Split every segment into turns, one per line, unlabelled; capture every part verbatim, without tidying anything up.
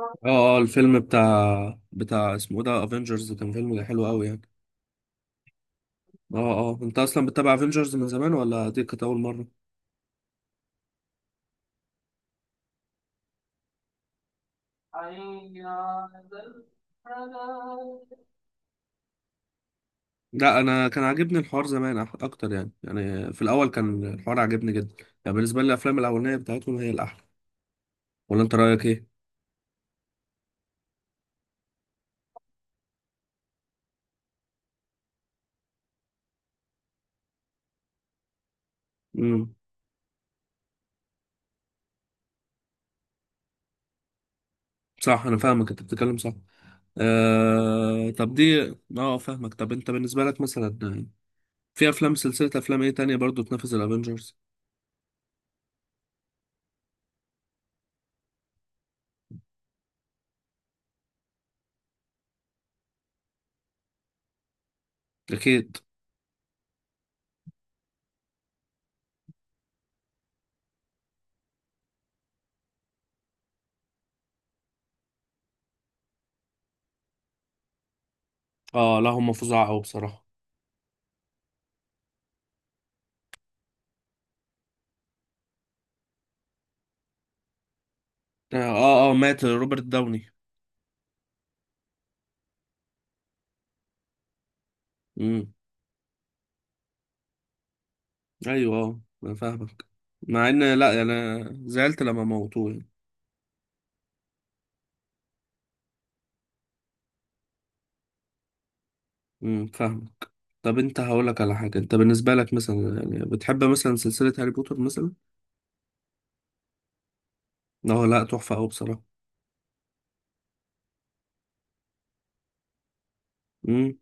اه، اه، الفيلم بتاع بتاع اسمه إيه ده، افنجرز، كان فيلم حلو قوي يعني. اه، اه، انت اصلا بتتابع افنجرز من زمان ولا دي كانت اول مره؟ لا، انا كان عاجبني الحوار زمان أح- اكتر يعني يعني في الاول كان الحوار عاجبني جدا. يعني بالنسبه لي الافلام الاولانيه بتاعتهم هي الاحلى. ولا انت رايك ايه؟ امم. صح، انا فاهمك، انت بتتكلم صح. آه طب دي. اه فاهمك، طب انت بالنسبه لك مثلا، في افلام، سلسله افلام ايه تانية برضو تنافس الافنجرز؟ اكيد. اه لا، هم فظاع قوي بصراحه. اه، اه، مات روبرت داوني. امم. ايوه، اه، انا فاهمك. مع ان لا يعني، انا زعلت لما موتوه يعني. امم فاهمك. طب انت هقولك على حاجه، انت بالنسبه لك مثلا، يعني بتحب مثلا سلسله هاري بوتر مثلا؟ اه لا، تحفه قوي بصراحه. امم.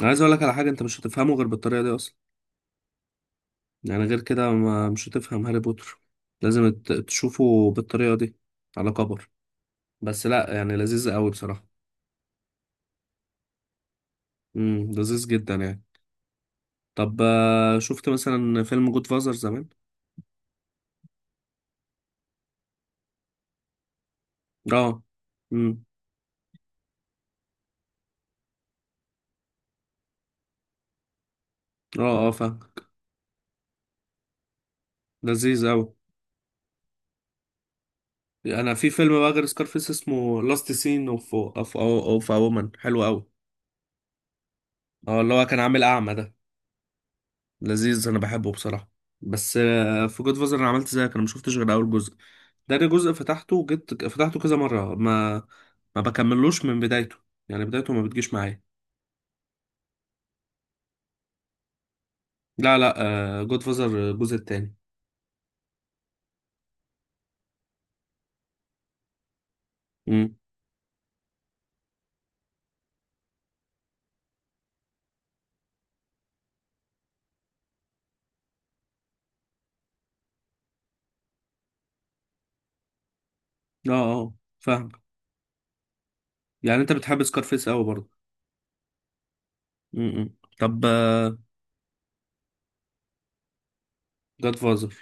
انا عايز اقولك على حاجه، انت مش هتفهمه غير بالطريقه دي اصلا. يعني غير كده ما مش هتفهم هاري بوتر. لازم ت- تشوفه بالطريقه دي، على كبر. بس لا يعني، لذيذ قوي بصراحه. امم لذيذ جدا يعني. طب آه، شفت مثلا فيلم جود فازر زمان؟ اه. امم. اه، اه، فاهم. لذيذ اوي. انا في فيلم بقى غير سكارفيس، اسمه لاست سين اوف اوف اوف وومن، حلو اوي. اه، اللي هو كان عامل اعمى ده. لذيذ، انا بحبه بصراحه. بس آه، في جود فازر انا عملت زيك، انا ما شفتش غير اول جزء. ده جزء فتحته، جيت فتحته كذا مره، ما ما بكملوش من بدايته. يعني بدايته ما بتجيش معايا. لا، لا، جود فازر الجزء التاني. امم. اه، اه، فاهم. يعني انت بتحب سكارفيس اوي برضه؟ امم. طب. جاد فازر.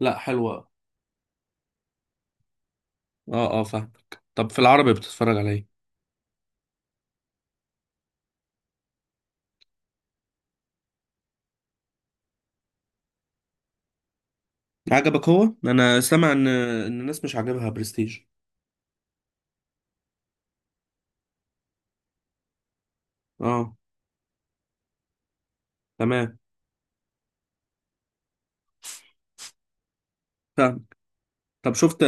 لا حلوة. اه، اه، فاهمك، طب في العربي بتتفرج على ايه؟ عجبك؟ هو انا سامع ان ان الناس مش عاجبها برستيج. اه. تمام. فاهم. طب شفت،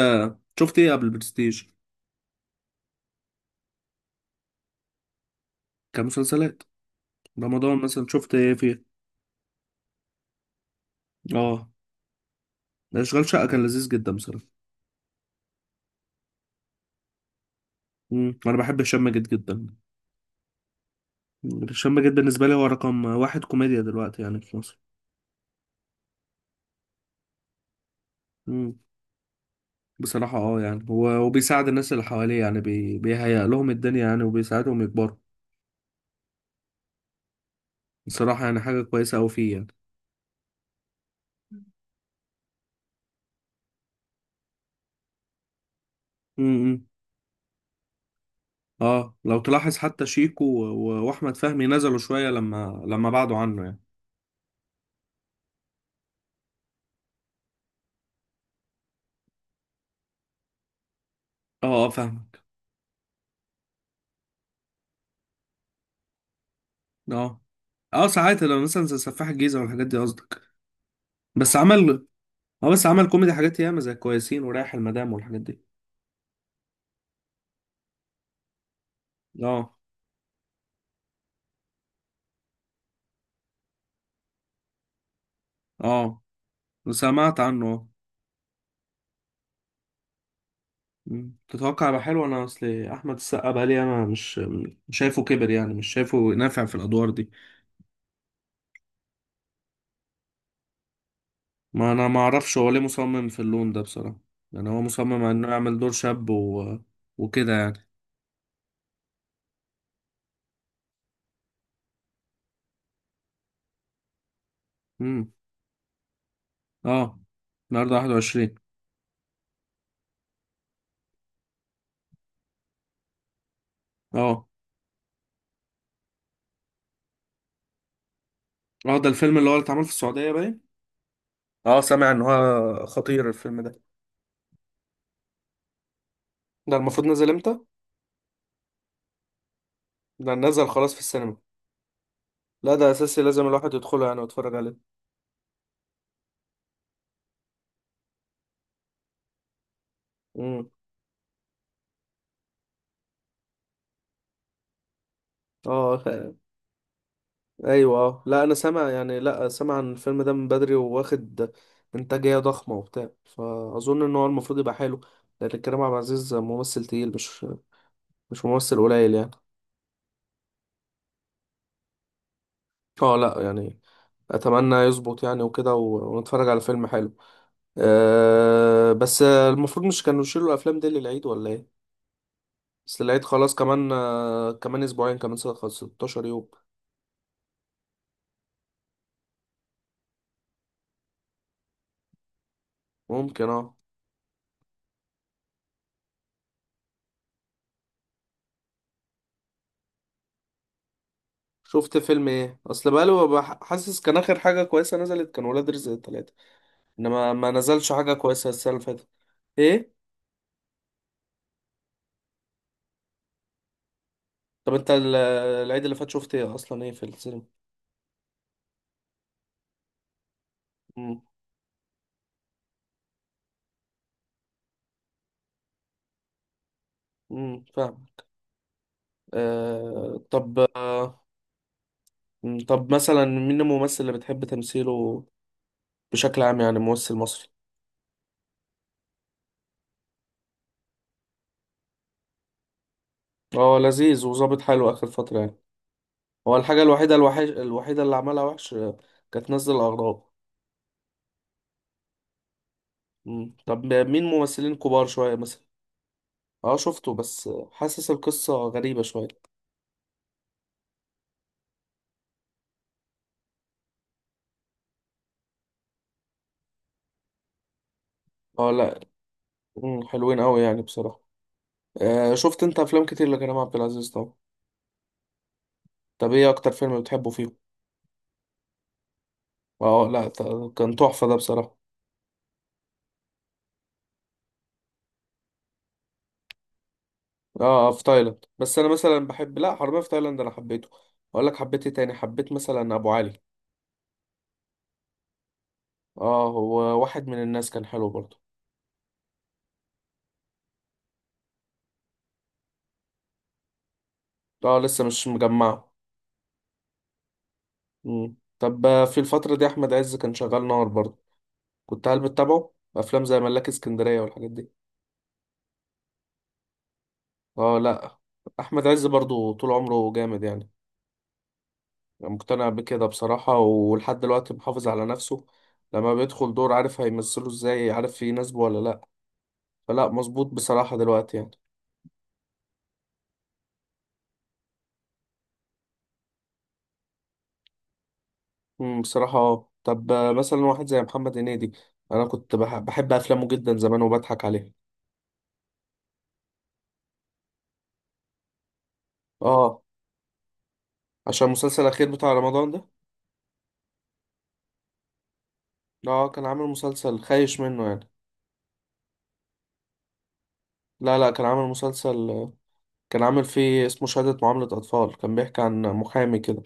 شفت ايه قبل برستيج؟ كمسلسلات. رمضان مثلا شفت ايه فيه؟ اه. ده اشغال شقة كان لذيذ جدا بصراحة. امم انا بحب هشام ماجد جدا. هشام ماجد بالنسبة لي هو رقم واحد كوميديا دلوقتي يعني في مصر. امم. بصراحة، اه يعني، هو وبيساعد الناس اللي حواليه يعني، بي... بيهيأ لهم الدنيا يعني، وبيساعدهم يكبروا. بصراحة يعني حاجة كويسة أوي فيه يعني. امم، امم. اه، لو تلاحظ حتى شيكو و- و- واحمد فهمي نزلوا شويه لما لما بعدوا عنه يعني. اه، اه، فاهمك. اه، اه، ساعات لو مثلا زي سفاح الجيزه والحاجات دي قصدك. بس عمل. اه، بس عمل كوميدي حاجات ياما زي كويسين ورايح المدام والحاجات دي. اه، اه، سمعت عنه آه. مم. تتوقع يبقى حلو؟ انا اصل احمد السقا بقى لي، انا مش مش شايفه كبر يعني، مش شايفه نافع في الادوار دي. ما انا ما اعرفش هو ليه مصمم في اللون ده بصراحه. يعني هو مصمم على انه يعمل دور شاب و... وكده يعني. امم. اه، النهارده واحد وعشرين. اه، اه، ده الفيلم اللي هو اللي اتعمل في السعودية باين. اه، سامع ان هو خطير الفيلم ده. ده المفروض نزل امتى؟ ده نزل خلاص في السينما. لا، ده اساسي، لازم الواحد يدخله يعني ويتفرج عليه. امم. اه خ- ايوه، اه لا، انا سامع يعني، لا سامع عن الفيلم ده من بدري، وواخد انتاجية ضخمة وبتاع، فاظن ان هو المفروض يبقى حلو. لان كريم عبد العزيز ممثل تقيل، مش مش ممثل قليل يعني. اه لا يعني، اتمنى يظبط يعني، وكده و- ونتفرج على فيلم حلو. أه، بس المفروض مش كانوا يشيلوا الافلام دي للعيد ولا ايه؟ بس العيد خلاص، كمان آه، كمان اسبوعين، كمان سنة ستاشر يوم. ممكن، اه. شفت فيلم ايه؟ اصل بقاله بح- حاسس، كان اخر حاجة كويسة نزلت كان ولاد رزق التلاتة. انما ما نزلش حاجة كويسة السنة اللي فاتت. ايه؟ طب انت ال- العيد اللي فات شفت ايه اصلا، ايه في السينما؟ امم. امم، فاهم. أه طب أه مم، طب مثلا مين الممثل اللي بتحب تمثيله بشكل عام يعني، ممثل مصري؟ هو لذيذ وظابط حلو آخر فترة يعني. هو الحاجة الوحيدة الوحش، الوحيدة اللي عملها وحش آه، كانت نزل الأغراب. مم. طب مين ممثلين كبار شوية مثلا؟ اه شفته، بس آه، حاسس القصة غريبة شوية. اه لا. مم، حلوين أوي يعني بصراحة. آه شفت انت أفلام كتير لكريم عبد العزيز طبعا. طب ايه أكتر فيلم بتحبه فيهم؟ اه لا ت- كان تحفة ده بصراحة. اه آه، في تايلاند، بس أنا مثلا بحب، لا، حرامية في تايلاند أنا حبيته. أقول لك حبيت ايه تاني؟ حبيت مثلا أبو علي. اه هو واحد من الناس، كان حلو برضه. اه، لسه مش مجمعه. مم. طب آه، في الفترة دي أحمد عز كان شغال نار برضه. كنت هل بتتابعه أفلام زي ملاك اسكندرية والحاجات دي؟ اه لأ. أحمد عز برضه طول عمره جامد يعني. يعني مقتنع بكده بصراحة، ولحد دلوقتي محافظ على نفسه. لما بيدخل دور عارف هيمثله ازاي، عارف يناسبه ولا لأ. فلأ مظبوط بصراحة دلوقتي يعني. مم، بصراحة اه، طب آه، مثلا واحد زي محمد هنيدي. أنا كنت بح- بحب أفلامه جدا زمان وبضحك عليها. اه، عشان المسلسل الأخير بتاع رمضان ده. اه، كان عامل مسلسل خايش منه يعني. لا، لا، كان عامل مسلسل. كان عامل فيه اسمه شهادة معاملة أطفال، كان بيحكي عن محامي كده،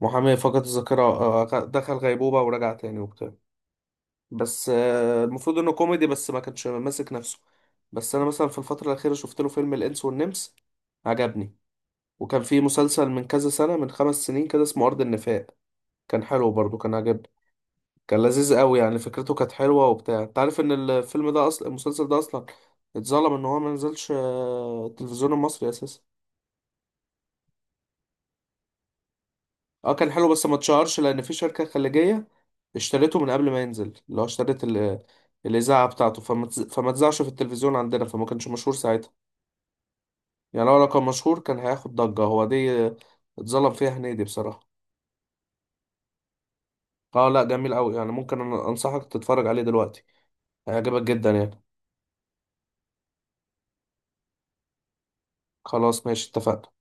محامي فقد الذاكرة، آه، دخل غيبوبة ورجع تاني وبتاع. بس آه، المفروض إنه كوميدي بس ما كانش ماسك نفسه. بس أنا مثلا في الفترة الأخيرة شفت له فيلم الإنس والنمس، عجبني. وكان فيه مسلسل من كذا سنة، من خمس سنين كده، اسمه أرض النفاق. كان حلو برضه، كان عجبني. كان لذيذ قوي يعني، فكرته كانت حلوة وبتاع. انت عارف ان الفيلم ده اصلا، المسلسل ده اصلا، اتظلم ان هو ما نزلش آه، التلفزيون المصري اساسا. اه، كان حلو بس ما اتشهرش، لان في شركة خليجية اشتريته من قبل ما ينزل، اللي هو اشترت ال- الإذاعة بتاعته، فما اتز- فما اتذاعش في التلفزيون عندنا، فما كانش مشهور ساعتها. يعني لو لو كان مشهور كان هياخد ضجة، هو دي آه، اتظلم فيها هنيدي بصراحة. اه لا، جميل قوي يعني، ممكن أنا انصحك تتفرج عليه دلوقتي، هيعجبك جدا يعني. خلاص ماشي، اتفقنا.